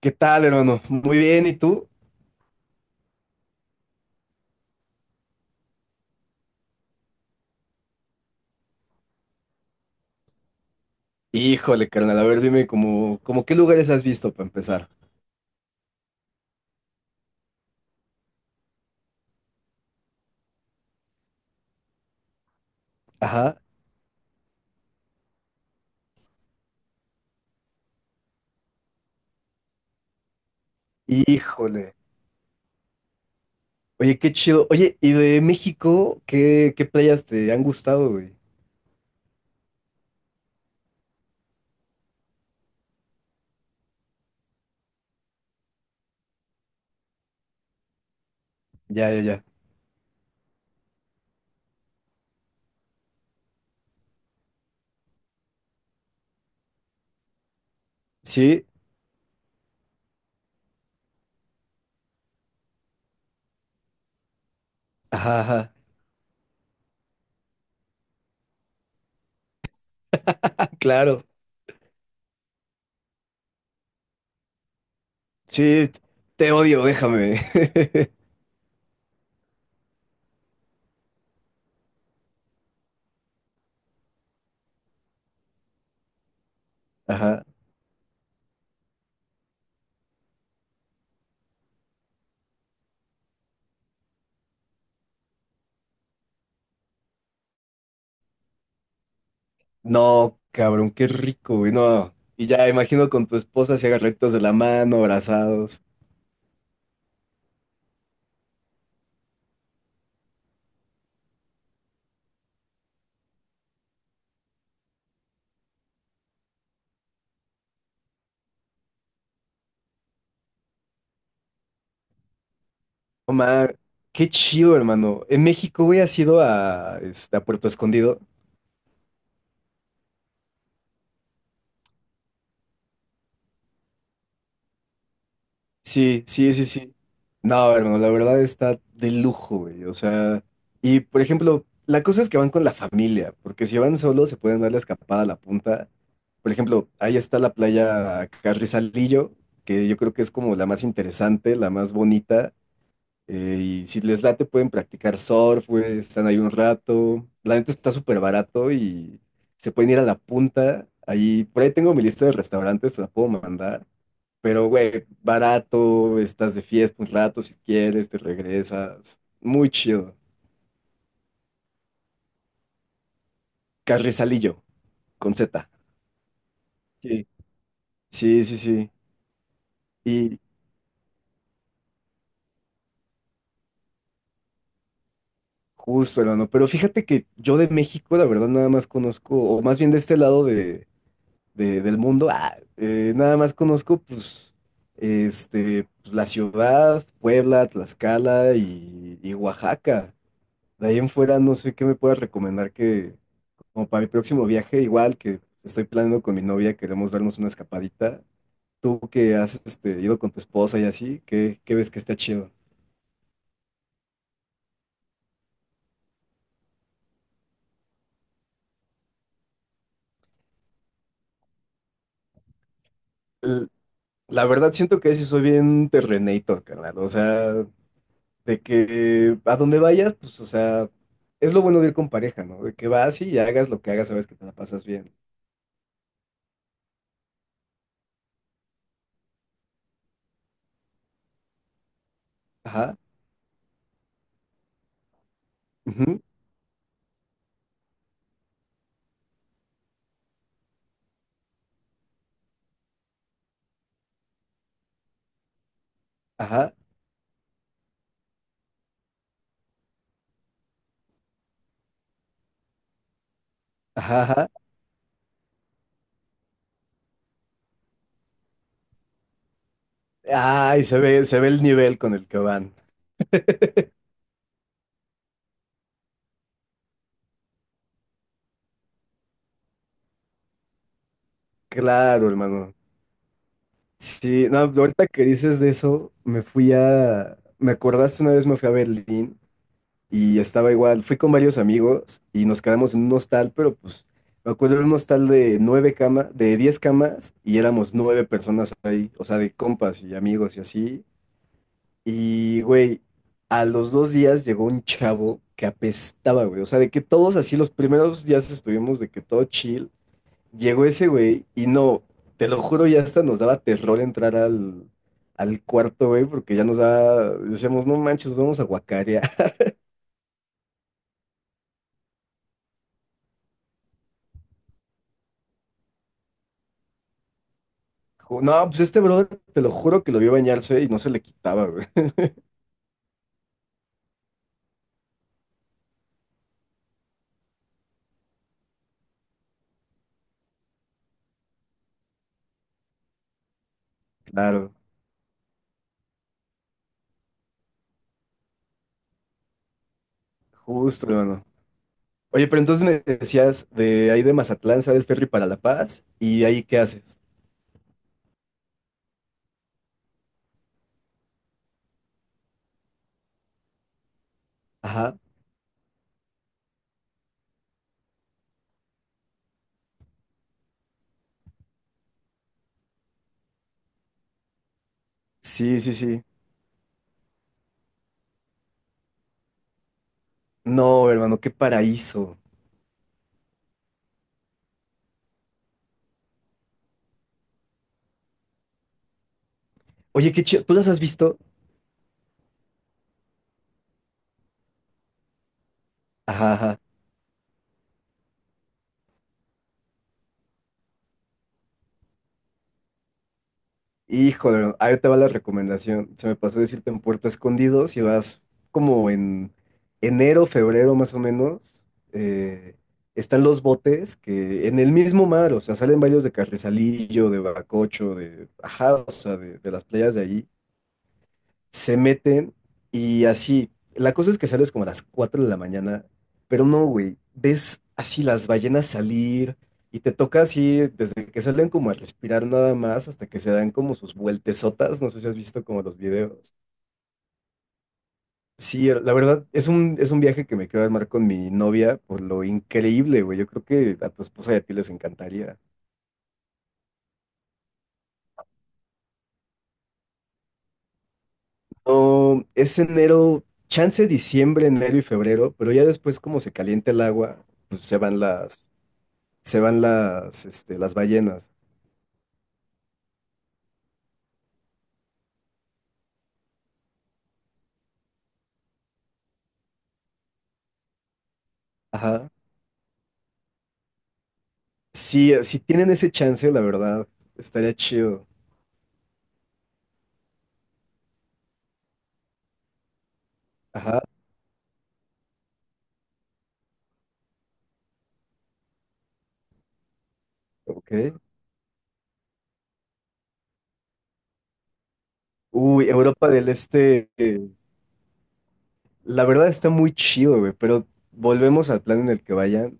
¿Qué tal, hermano? Muy bien, ¿y tú? Híjole, carnal, a ver, dime como qué lugares has visto para empezar. Ajá. Híjole. Oye, qué chido. Oye, ¿y de México qué playas te han gustado, güey? Ya, ya, ya. ¿Sí? Ajá, ajá. Claro. Sí, te odio, déjame. Ajá. No, cabrón, qué rico, güey. No. Y ya imagino con tu esposa si hagan rectos de la mano, abrazados. Omar, qué chido, hermano. En México, güey, has ido a, este, a Puerto Escondido. Sí, sí, sí, sí. No, hermano, la verdad está de lujo, güey. O sea, y por ejemplo, la cosa es que van con la familia, porque si van solos se pueden dar la escapada a la punta. Por ejemplo, ahí está la playa Carrizalillo, que yo creo que es como la más interesante, la más bonita. Y si les late, pueden practicar surf, güey, están ahí un rato. La neta está súper barato y se pueden ir a la punta. Ahí, por ahí tengo mi lista de restaurantes, se la puedo mandar. Pero, güey, barato, estás de fiesta un rato si quieres, te regresas. Muy chido. Carrizalillo, con Z. Sí, sí, sí, sí. Y justo, hermano. Pero fíjate que yo de México, la verdad, nada más conozco, o más bien de este lado del mundo. Ah, nada más conozco, pues, este, pues, la ciudad, Puebla, Tlaxcala y Oaxaca. De ahí en fuera no sé qué me puedas recomendar que, como para mi próximo viaje, igual que estoy planeando con mi novia, queremos darnos una escapadita. Tú que has este, ido con tu esposa y así, ¿qué ves que está chido? L- La verdad siento que sí soy bien terrenator, carnal. O sea, de que a donde vayas, pues, o sea, es lo bueno de ir con pareja, ¿no? De que vas y hagas lo que hagas, sabes que te la pasas bien. Ajá, ujú, ajá, ajá, ajá. Ay, se ve el nivel con el que van. Claro, hermano. Sí, no, ahorita que dices de eso, me fui a, me acordaste una vez me fui a Berlín. Y estaba igual, fui con varios amigos y nos quedamos en un hostal, pero pues me acuerdo de un hostal de nueve camas, de 10 camas y éramos nueve personas ahí, o sea, de compas y amigos y así. Y güey, a los 2 días llegó un chavo que apestaba, güey, o sea, de que todos así los primeros días estuvimos de que todo chill, llegó ese güey y no, te lo juro, ya hasta nos daba terror entrar al, al cuarto, güey, porque ya nos daba, decíamos, no manches, nos vamos a guacarear. No, pues este brother, te lo juro que lo vio bañarse y no se le quitaba, güey. Claro, justo, hermano. Oye, pero entonces me decías de ahí de Mazatlán, sale el ferry para La Paz y ahí ¿qué haces? Ajá. Sí, sí, sí. No, hermano, qué paraíso. Oye, qué chido. ¿Tú las has visto? Ajá, ajá. Híjole, ahí te va la recomendación. Se me pasó decirte en Puerto Escondido, si vas como en enero, febrero más o menos, eh, están los botes que en el mismo mar, o sea, salen varios de Carrizalillo, de Bacocho, de, ajá, o sea, de las playas de allí se meten y así. La cosa es que sales como a las 4 de la mañana, pero no, güey. Ves así las ballenas salir y te toca así desde que salen como a respirar nada más hasta que se dan como sus vueltesotas. No sé si has visto como los videos. Sí, la verdad es un viaje que me quiero armar con mi novia por lo increíble, güey. Yo creo que a tu esposa y a ti les encantaría. No, es enero, chance diciembre, enero y febrero, pero ya después como se calienta el agua, pues se van las, este, las ballenas. Ajá. Sí, si tienen ese chance, la verdad, estaría chido. Ajá, ok. Uy, Europa del Este, la verdad está muy chido, güey, pero volvemos al plan en el que vayan.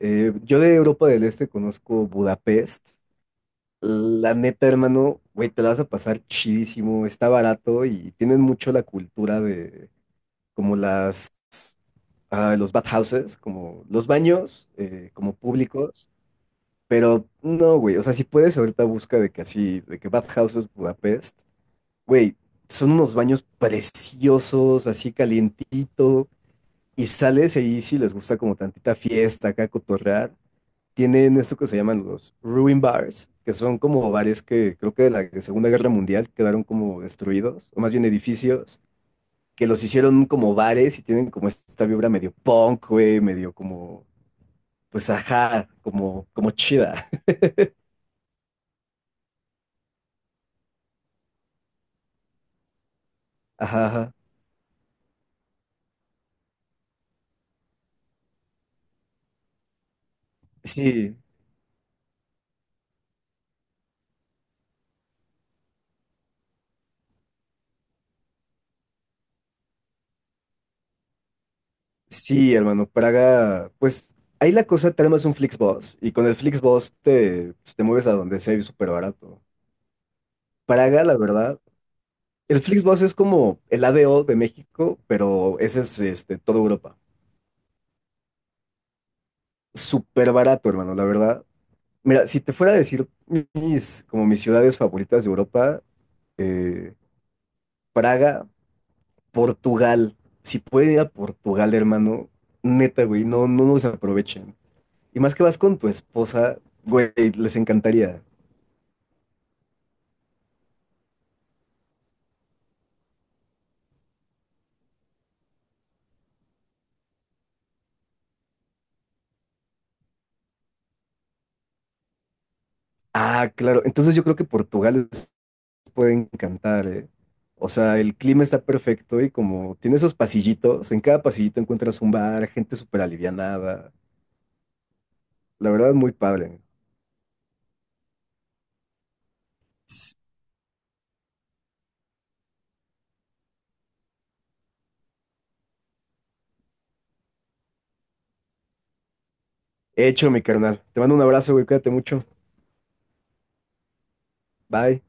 Yo de Europa del Este conozco Budapest. La neta, hermano, güey, te la vas a pasar chidísimo, está barato y tienen mucho la cultura de como las, ah, los bathhouses, como los baños, como públicos. Pero no, güey. O sea, si puedes, ahorita busca de que así, de que Bad Houses Budapest, güey, son unos baños preciosos, así calientito. Y sales ahí si les gusta como tantita fiesta acá, cotorrear. Tienen esto que se llaman los ruin bars, que son como bares que creo que de la Segunda Guerra Mundial quedaron como destruidos, o más bien edificios, que los hicieron como bares y tienen como esta vibra medio punk, güey, medio como, pues ajá, como, como chida. Ajá, ajá. Sí, Sí, hermano, Praga, pues ahí la cosa te armas un Flixbus y con el Flixbus te, pues, te mueves a donde sea y súper barato. Praga, la verdad, el Flixbus es como el ADO de México, pero ese es este, toda Europa. Súper barato, hermano, la verdad. Mira, si te fuera a decir mis, como mis ciudades favoritas de Europa, eh, Praga, Portugal. Si pueden ir a Portugal, hermano, neta, güey, no, no nos aprovechen. Y más que vas con tu esposa, güey, les encantaría. Ah, claro. Entonces yo creo que Portugal les puede encantar, ¿eh? O sea, el clima está perfecto y como tiene esos pasillitos, en cada pasillito encuentras un bar, gente súper alivianada. La verdad, muy padre. S- Hecho, mi carnal. Te mando un abrazo, güey. Cuídate mucho. Bye.